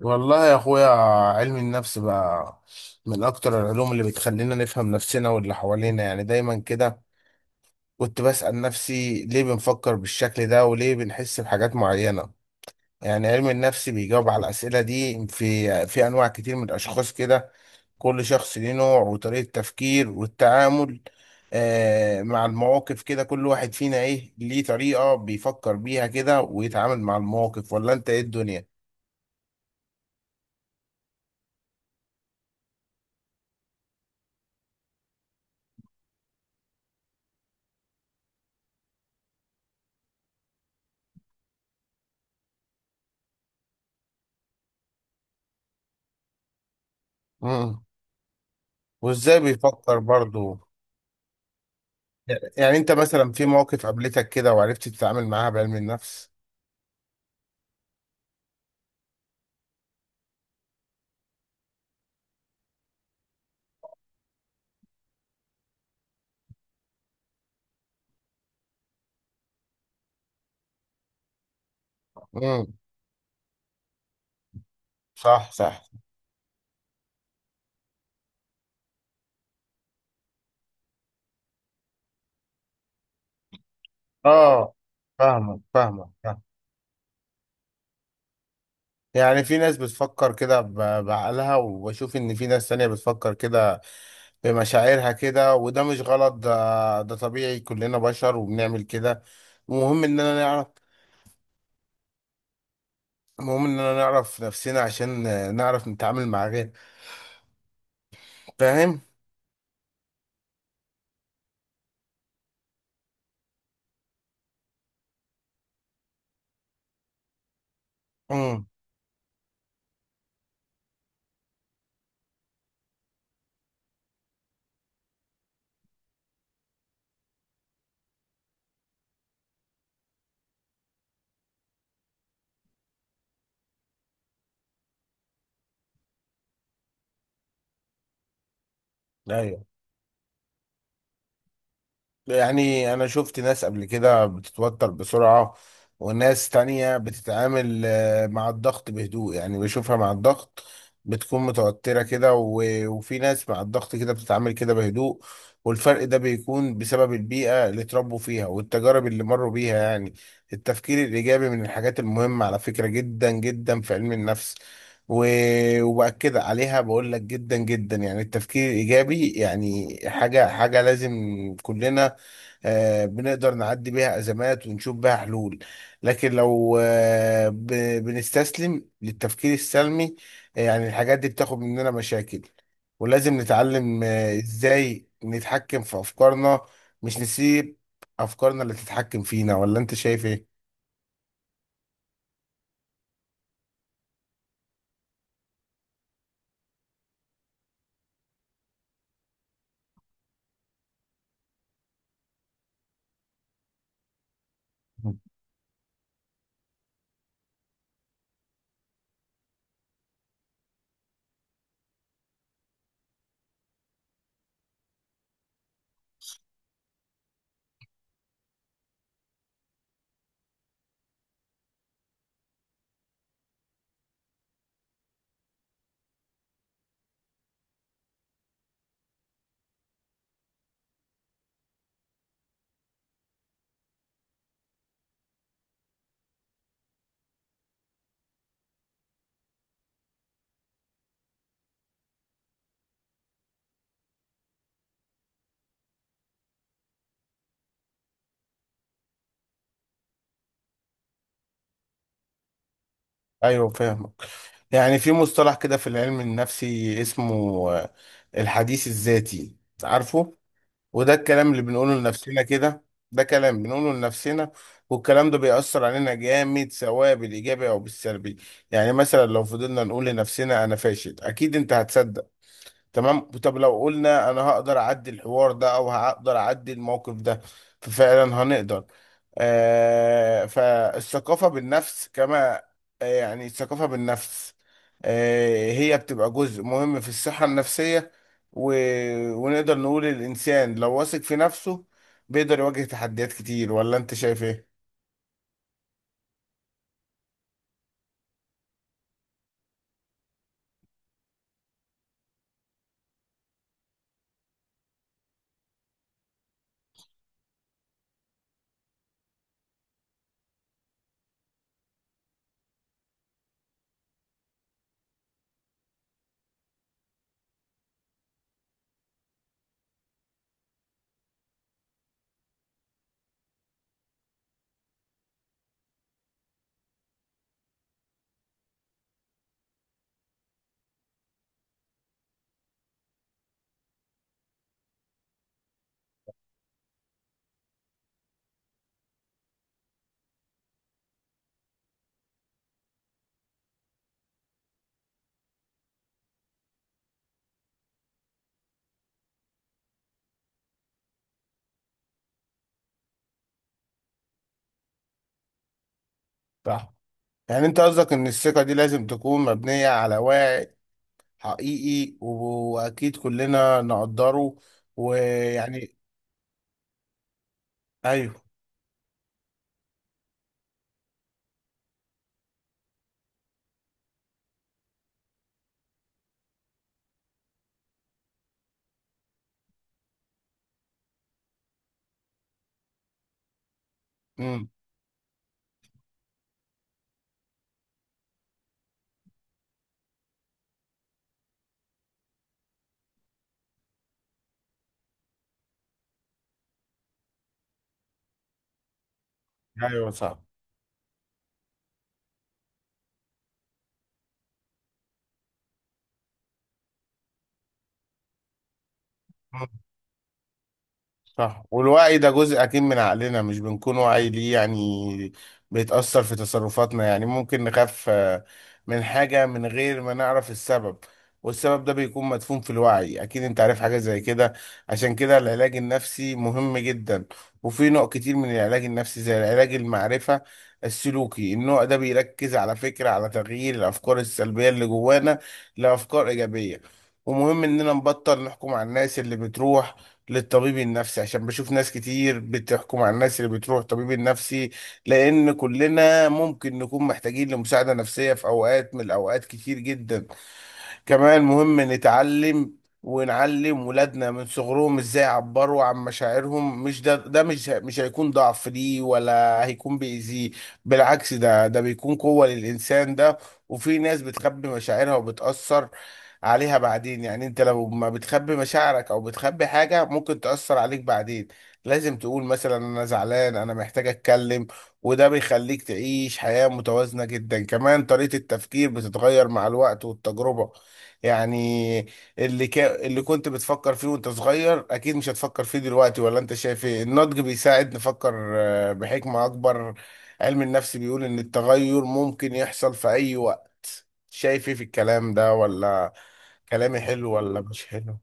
والله يا اخويا، علم النفس بقى من اكتر العلوم اللي بتخلينا نفهم نفسنا واللي حوالينا. يعني دايما كده كنت بسأل نفسي ليه بنفكر بالشكل ده وليه بنحس بحاجات معينة. يعني علم النفس بيجاوب على الأسئلة دي في انواع كتير من الاشخاص كده. كل شخص ليه نوع وطريقة تفكير والتعامل آه مع المواقف كده. كل واحد فينا ايه ليه طريقة بيفكر بيها كده ويتعامل مع المواقف، ولا انت ايه الدنيا؟ وازاي بيفكر برضه؟ يعني انت مثلا في مواقف قابلتك كده وعرفت تتعامل معاها بعلم النفس؟ امم، صح صح. اه، فاهمك فاهمك فاهم. يعني في ناس بتفكر كده بعقلها، وبشوف ان في ناس تانية بتفكر كده بمشاعرها كده. وده مش غلط، ده طبيعي، كلنا بشر وبنعمل كده. المهم اننا نعرف، المهم اننا نعرف نفسنا عشان نعرف نتعامل مع غير. فاهم؟ امم، ايوه. يعني انا شفت ناس قبل كده بتتوتر بسرعة، وناس تانية بتتعامل مع الضغط بهدوء. يعني بشوفها مع الضغط بتكون متوترة كده، وفي ناس مع الضغط كده بتتعامل كده بهدوء. والفرق ده بيكون بسبب البيئة اللي اتربوا فيها والتجارب اللي مروا بيها. يعني التفكير الإيجابي من الحاجات المهمة على فكرة، جدا جدا في علم النفس. وبأكد عليها بقول لك جدا جدا. يعني التفكير الإيجابي يعني حاجة حاجة لازم كلنا بنقدر نعدي بيها أزمات ونشوف بيها حلول. لكن لو بنستسلم للتفكير السلمي، يعني الحاجات دي بتاخد مننا مشاكل. ولازم نتعلم إزاي نتحكم في أفكارنا، مش نسيب أفكارنا اللي تتحكم فينا. ولا أنت شايف إيه؟ ايوه، فاهمك. يعني في مصطلح كده في العلم النفسي اسمه آه، الحديث الذاتي، عارفه؟ وده الكلام اللي بنقوله لنفسنا كده. ده كلام بنقوله لنفسنا، والكلام ده بيأثر علينا جامد سواء بالإيجابي أو بالسلبي. يعني مثلا لو فضلنا نقول لنفسنا أنا فاشل، أكيد أنت هتصدق. تمام. طب لو قلنا انا هقدر اعدي الحوار ده او هقدر اعدي الموقف ده، ففعلا هنقدر. فالثقافة بالنفس كما يعني الثقافة بالنفس هي بتبقى جزء مهم في الصحة النفسية. و... ونقدر نقول الإنسان لو واثق في نفسه بيقدر يواجه تحديات كتير. ولا أنت شايف إيه؟ صح. يعني أنت قصدك إن الثقة دي لازم تكون مبنية على وعي حقيقي، واكيد كلنا نقدره. ويعني ايوه، امم، ايوه، صح صح. والوعي ده جزء أكيد من عقلنا، مش بنكون واعي ليه. يعني بيتأثر في تصرفاتنا. يعني ممكن نخاف من حاجة من غير ما نعرف السبب. والسبب ده بيكون مدفون في الوعي، أكيد أنت عارف حاجة زي كده. عشان كده العلاج النفسي مهم جدا. وفي نوع كتير من العلاج النفسي زي العلاج المعرفة السلوكي. النوع ده بيركز على فكرة، على تغيير الأفكار السلبية اللي جوانا لأفكار إيجابية. ومهم إننا نبطل نحكم على الناس اللي بتروح للطبيب النفسي، عشان بشوف ناس كتير بتحكم على الناس اللي بتروح الطبيب النفسي. لأن كلنا ممكن نكون محتاجين لمساعدة نفسية في أوقات من الأوقات كتير جدا. كمان مهم نتعلم ونعلم ولادنا من صغرهم ازاي يعبروا عن مشاعرهم. مش ده ده مش هيكون ضعف ليه، ولا هيكون بيأذيه. بالعكس، ده بيكون قوة للإنسان ده. وفي ناس بتخبي مشاعرها وبتأثر عليها بعدين. يعني انت لو ما بتخبي مشاعرك او بتخبي حاجة ممكن تأثر عليك بعدين. لازم تقول مثلا انا زعلان، انا محتاج اتكلم. وده بيخليك تعيش حياة متوازنة جدا. كمان طريقة التفكير بتتغير مع الوقت والتجربة. يعني اللي كنت بتفكر فيه وانت صغير اكيد مش هتفكر فيه دلوقتي. ولا انت شايف ايه؟ النضج بيساعد نفكر بحكمة اكبر. علم النفس بيقول ان التغير ممكن يحصل في اي وقت. شايف ايه في الكلام ده؟ ولا كلامي حلو ولا مش حلو؟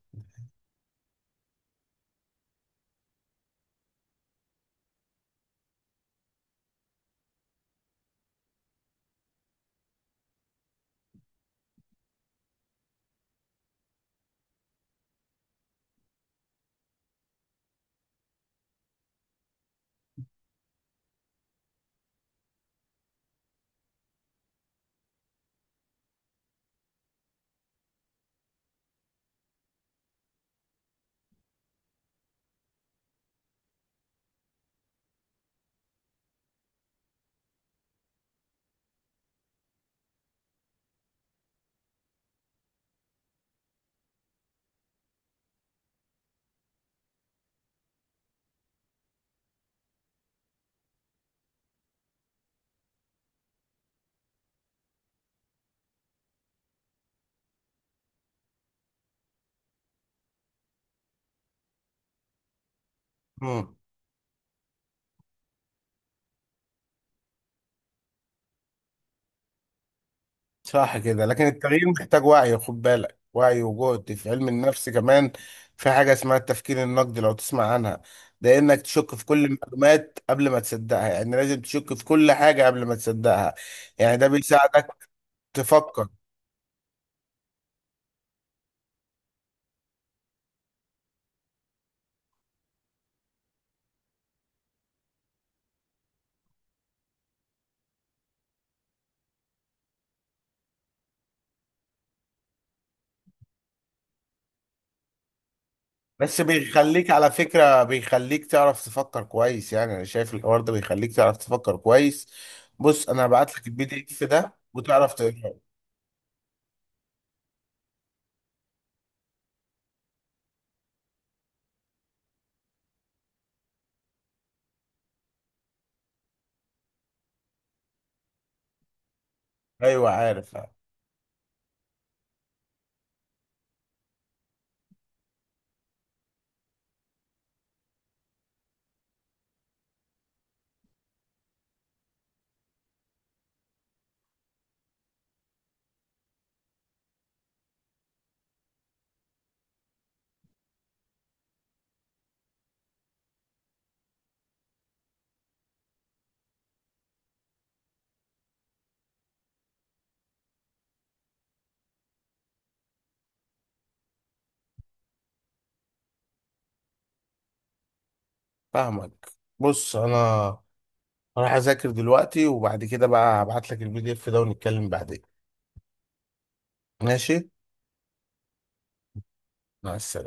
صح كده. لكن التغيير محتاج وعي، خد بالك، وعي وجهد. في علم النفس كمان في حاجة اسمها التفكير النقدي، لو تسمع عنها. ده انك تشك في كل المعلومات قبل ما تصدقها، يعني لازم تشك في كل حاجة قبل ما تصدقها. يعني ده بيساعدك تفكر. بس بيخليك على فكرة، بيخليك تعرف تفكر كويس. يعني انا شايف الحوار ده بيخليك تعرف تفكر كويس. بص، انا هبعت لك الـPDF ده وتعرف تقراه. ايوه عارف. فاهمك. بص انا راح اذاكر دلوقتي، وبعد كده بقى هبعت لك الـPDF ده ونتكلم بعدين. ماشي، مع السلامة.